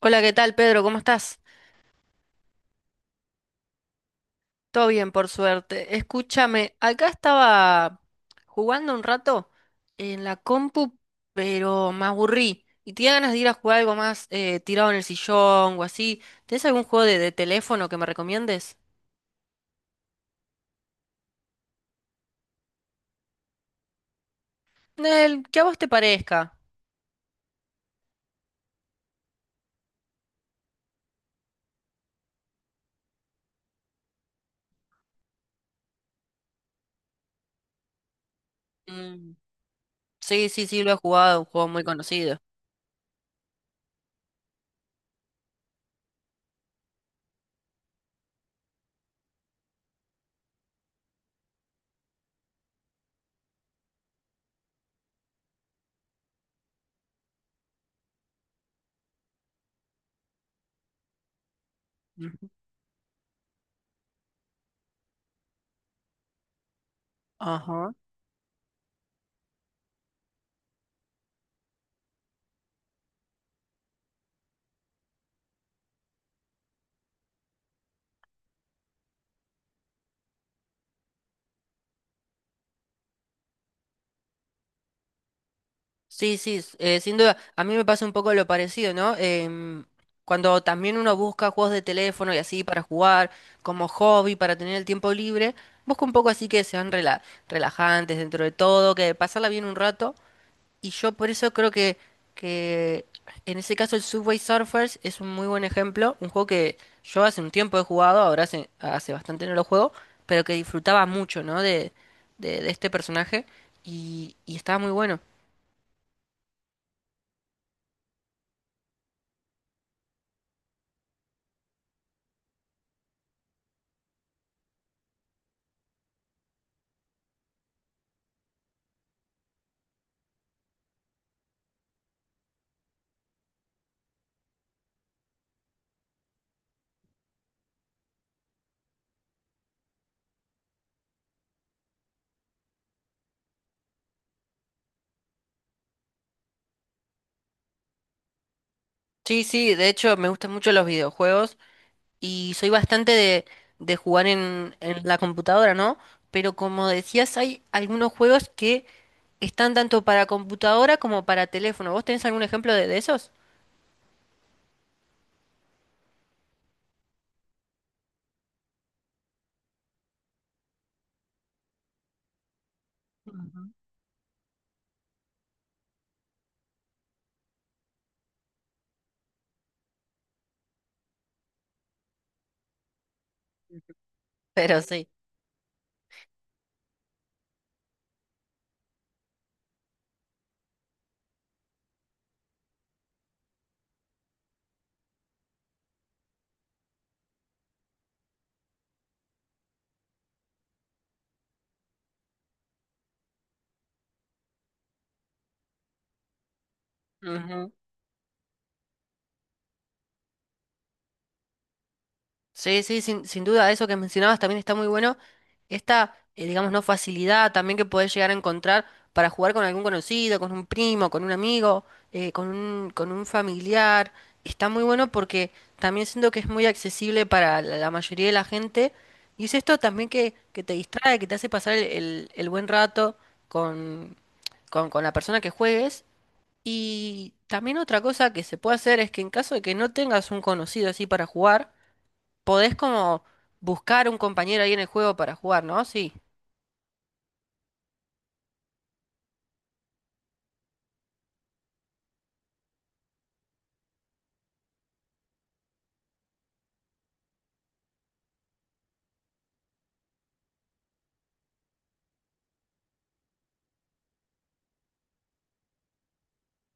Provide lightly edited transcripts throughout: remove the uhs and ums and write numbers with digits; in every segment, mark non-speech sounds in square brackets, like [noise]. Hola, ¿qué tal, Pedro? ¿Cómo estás? Todo bien, por suerte. Escúchame, acá estaba jugando un rato en la compu, pero me aburrí. Y tenía ganas de ir a jugar algo más tirado en el sillón o así. ¿Tienes algún juego de teléfono que me recomiendes? El que a vos te parezca. Mm, sí, sí, sí, lo he jugado, un juego muy conocido. Ujú. Ajá. Sí, sí, sin duda. A mí me pasa un poco lo parecido, ¿no? Cuando también uno busca juegos de teléfono y así para jugar, como hobby, para tener el tiempo libre, busca un poco así que sean relajantes dentro de todo, que pasarla bien un rato. Y yo por eso creo que en ese caso el Subway Surfers es un muy buen ejemplo, un juego que yo hace un tiempo he jugado, ahora hace bastante no lo juego, pero que disfrutaba mucho, ¿no? De este personaje y estaba muy bueno. Sí, sí, de hecho me gustan mucho los videojuegos y soy bastante de jugar en la computadora, ¿no? Pero como decías, hay algunos juegos que están tanto para computadora como para teléfono. ¿Vos tenés algún ejemplo de esos? Pero sí. Sí, sí, sin duda, eso que mencionabas también está muy bueno. Esta, digamos, no facilidad también que podés llegar a encontrar para jugar con algún conocido, con un primo, con un amigo, con un familiar. Está muy bueno porque también siento que es muy accesible para la mayoría de la gente. Y es esto también que te distrae, que te hace pasar el buen rato con, con la persona que juegues. Y también otra cosa que se puede hacer es que en caso de que no tengas un conocido así para jugar, podés como buscar un compañero ahí en el juego para jugar, ¿no? Sí.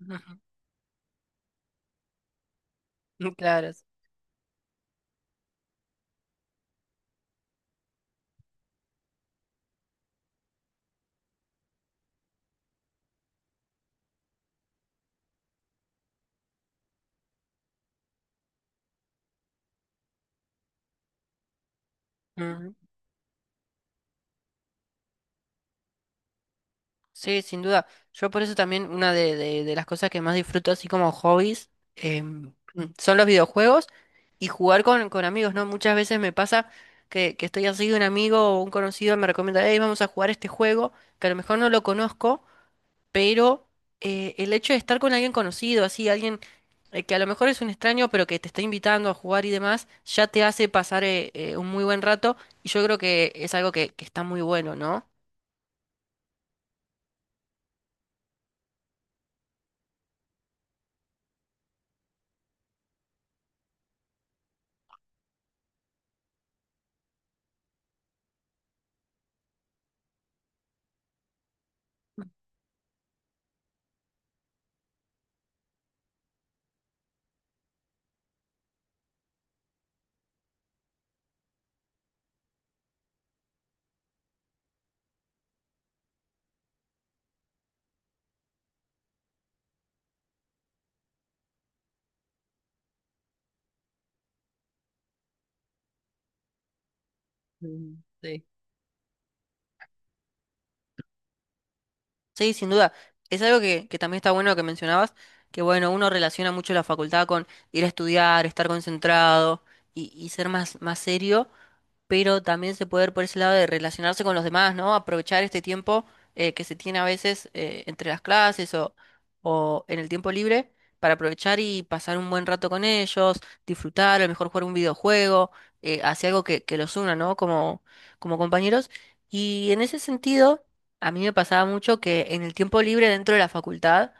Ujú. [laughs] Claro. Ujú. Sí, sin duda. Yo por eso también una de las cosas que más disfruto así como hobbies em, [clears throat] son los videojuegos y jugar con amigos, ¿no? Muchas veces me pasa que estoy así, un amigo o un conocido me recomienda, hey, vamos a jugar este juego, que a lo mejor no lo conozco. Pero el hecho de estar con alguien conocido, así, alguien que a lo mejor es un extraño, pero que te está invitando a jugar y demás, ya te hace pasar un muy buen rato y yo creo que es algo que está muy bueno, ¿no? Mm, sí. Sí, sin duda. Es algo que también está bueno que mencionabas, que bueno, uno relaciona mucho la facultad con ir a estudiar, estar concentrado y ser más serio. Pero también se puede ver por ese lado de relacionarse con los demás, ¿no? Aprovechar este tiempo que se tiene a veces entre las clases o en el tiempo libre para aprovechar y pasar un buen rato con ellos, disfrutar, a lo mejor jugar un videojuego, hacer algo que los una, ¿no? Como compañeros. Y en ese sentido, a mí me pasaba mucho que en el tiempo libre dentro de la facultad,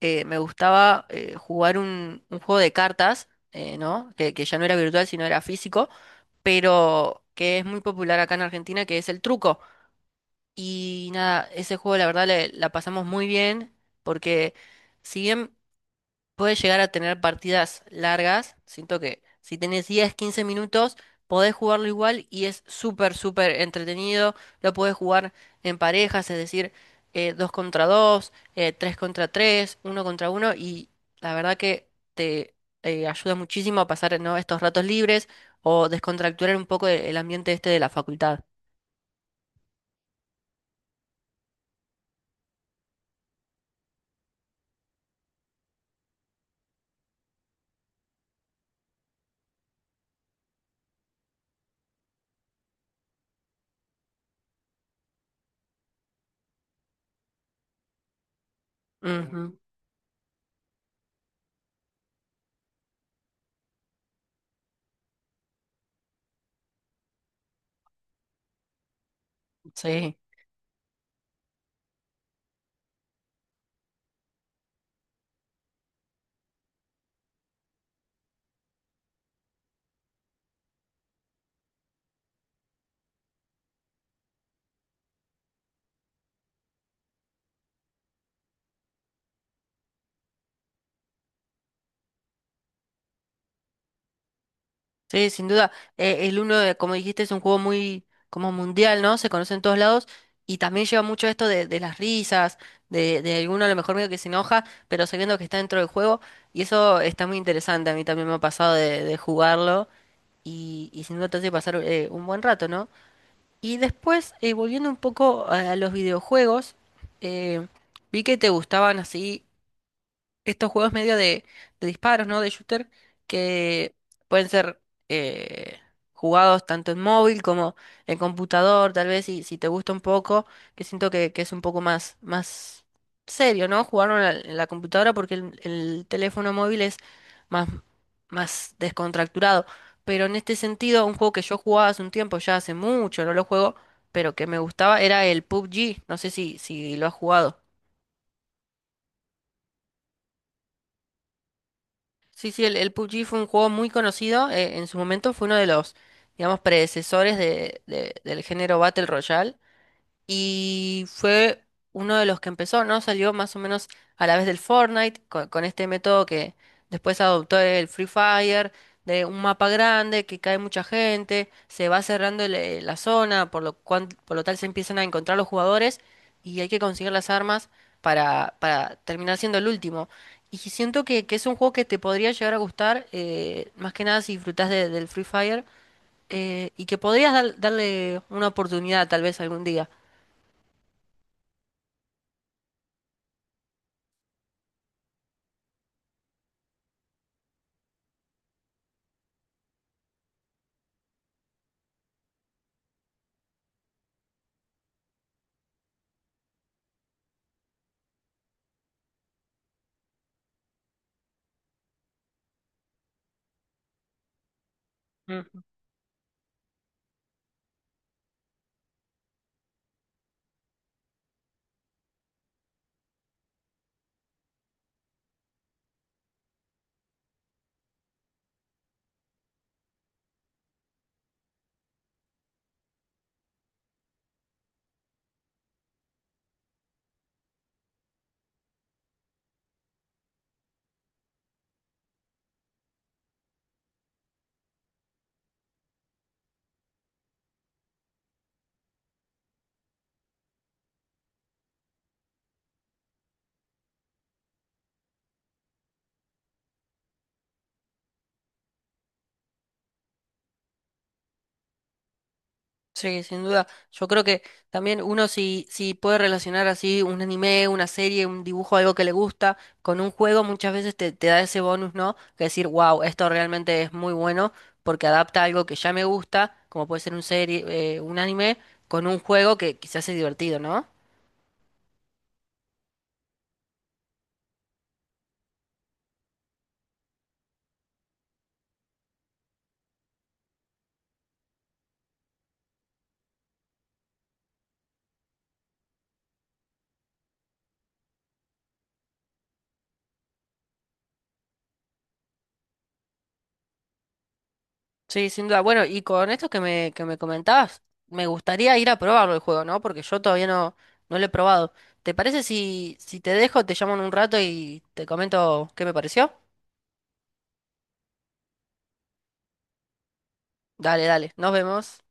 me gustaba jugar un juego de cartas, ¿no? Que ya no era virtual, sino era físico, pero que es muy popular acá en Argentina, que es el truco. Y nada, ese juego la verdad la pasamos muy bien, porque si bien puedes llegar a tener partidas largas. Siento que si tenés 10 15 minutos, podés jugarlo igual y es súper, súper entretenido. Lo podés jugar en parejas, es decir, 2 contra 2 3 contra tres, uno contra uno, y la verdad que te ayuda muchísimo a pasar, ¿no?, estos ratos libres o descontracturar un poco el ambiente este de la facultad. Ujú, sí. Sí, sin duda. El Uno, como dijiste, es un juego muy como mundial, ¿no? Se conoce en todos lados y también lleva mucho esto de las risas, de alguno a lo mejor medio que se enoja, pero sabiendo que está dentro del juego y eso está muy interesante. A mí también me ha pasado de jugarlo y sin duda te hace pasar un buen rato, ¿no? Y después, volviendo un poco a los videojuegos, eh, vi que te gustaban así estos juegos medio de disparos, ¿no? De shooter, que pueden ser eh, jugados tanto en móvil como en computador, tal vez si, si te gusta un poco, que siento que es un poco más serio, ¿no? Jugarlo en la computadora porque el teléfono móvil es más, más descontracturado. Pero en este sentido, un juego que yo jugaba hace un tiempo, ya hace mucho, no lo juego, pero que me gustaba, era el PUBG. No sé si, si lo has jugado. Sí, sí, el PUBG fue un juego muy conocido. En su momento fue uno de los, digamos, predecesores del género Battle Royale. Y fue uno de los que empezó, ¿no? Salió más o menos a la vez del Fortnite, con este método que después adoptó el Free Fire, de un mapa grande, que cae mucha gente, se va cerrando la zona, por lo cual, por lo tal se empiezan a encontrar los jugadores y hay que conseguir las armas para terminar siendo el último. Y si siento que es un juego que te podría llegar a gustar, más que nada si disfrutás del Free Fire, Y que podrías darle una oportunidad tal vez algún día. Mm, sí, sin duda. Yo creo que también uno si, si puede relacionar así un anime, una serie, un dibujo, algo que le gusta, con un juego muchas veces te da ese bonus, ¿no? Que decir, wow, esto realmente es muy bueno porque adapta algo que ya me gusta, como puede ser un serie, un anime, con un juego que quizás es divertido, ¿no? Sí, sin duda. Bueno, y con esto que me comentabas, me gustaría ir a probarlo el juego, ¿no? Porque yo todavía no, no lo he probado. ¿Te parece si, si te dejo, te llamo en un rato y te comento qué me pareció? Dale, dale, nos vemos.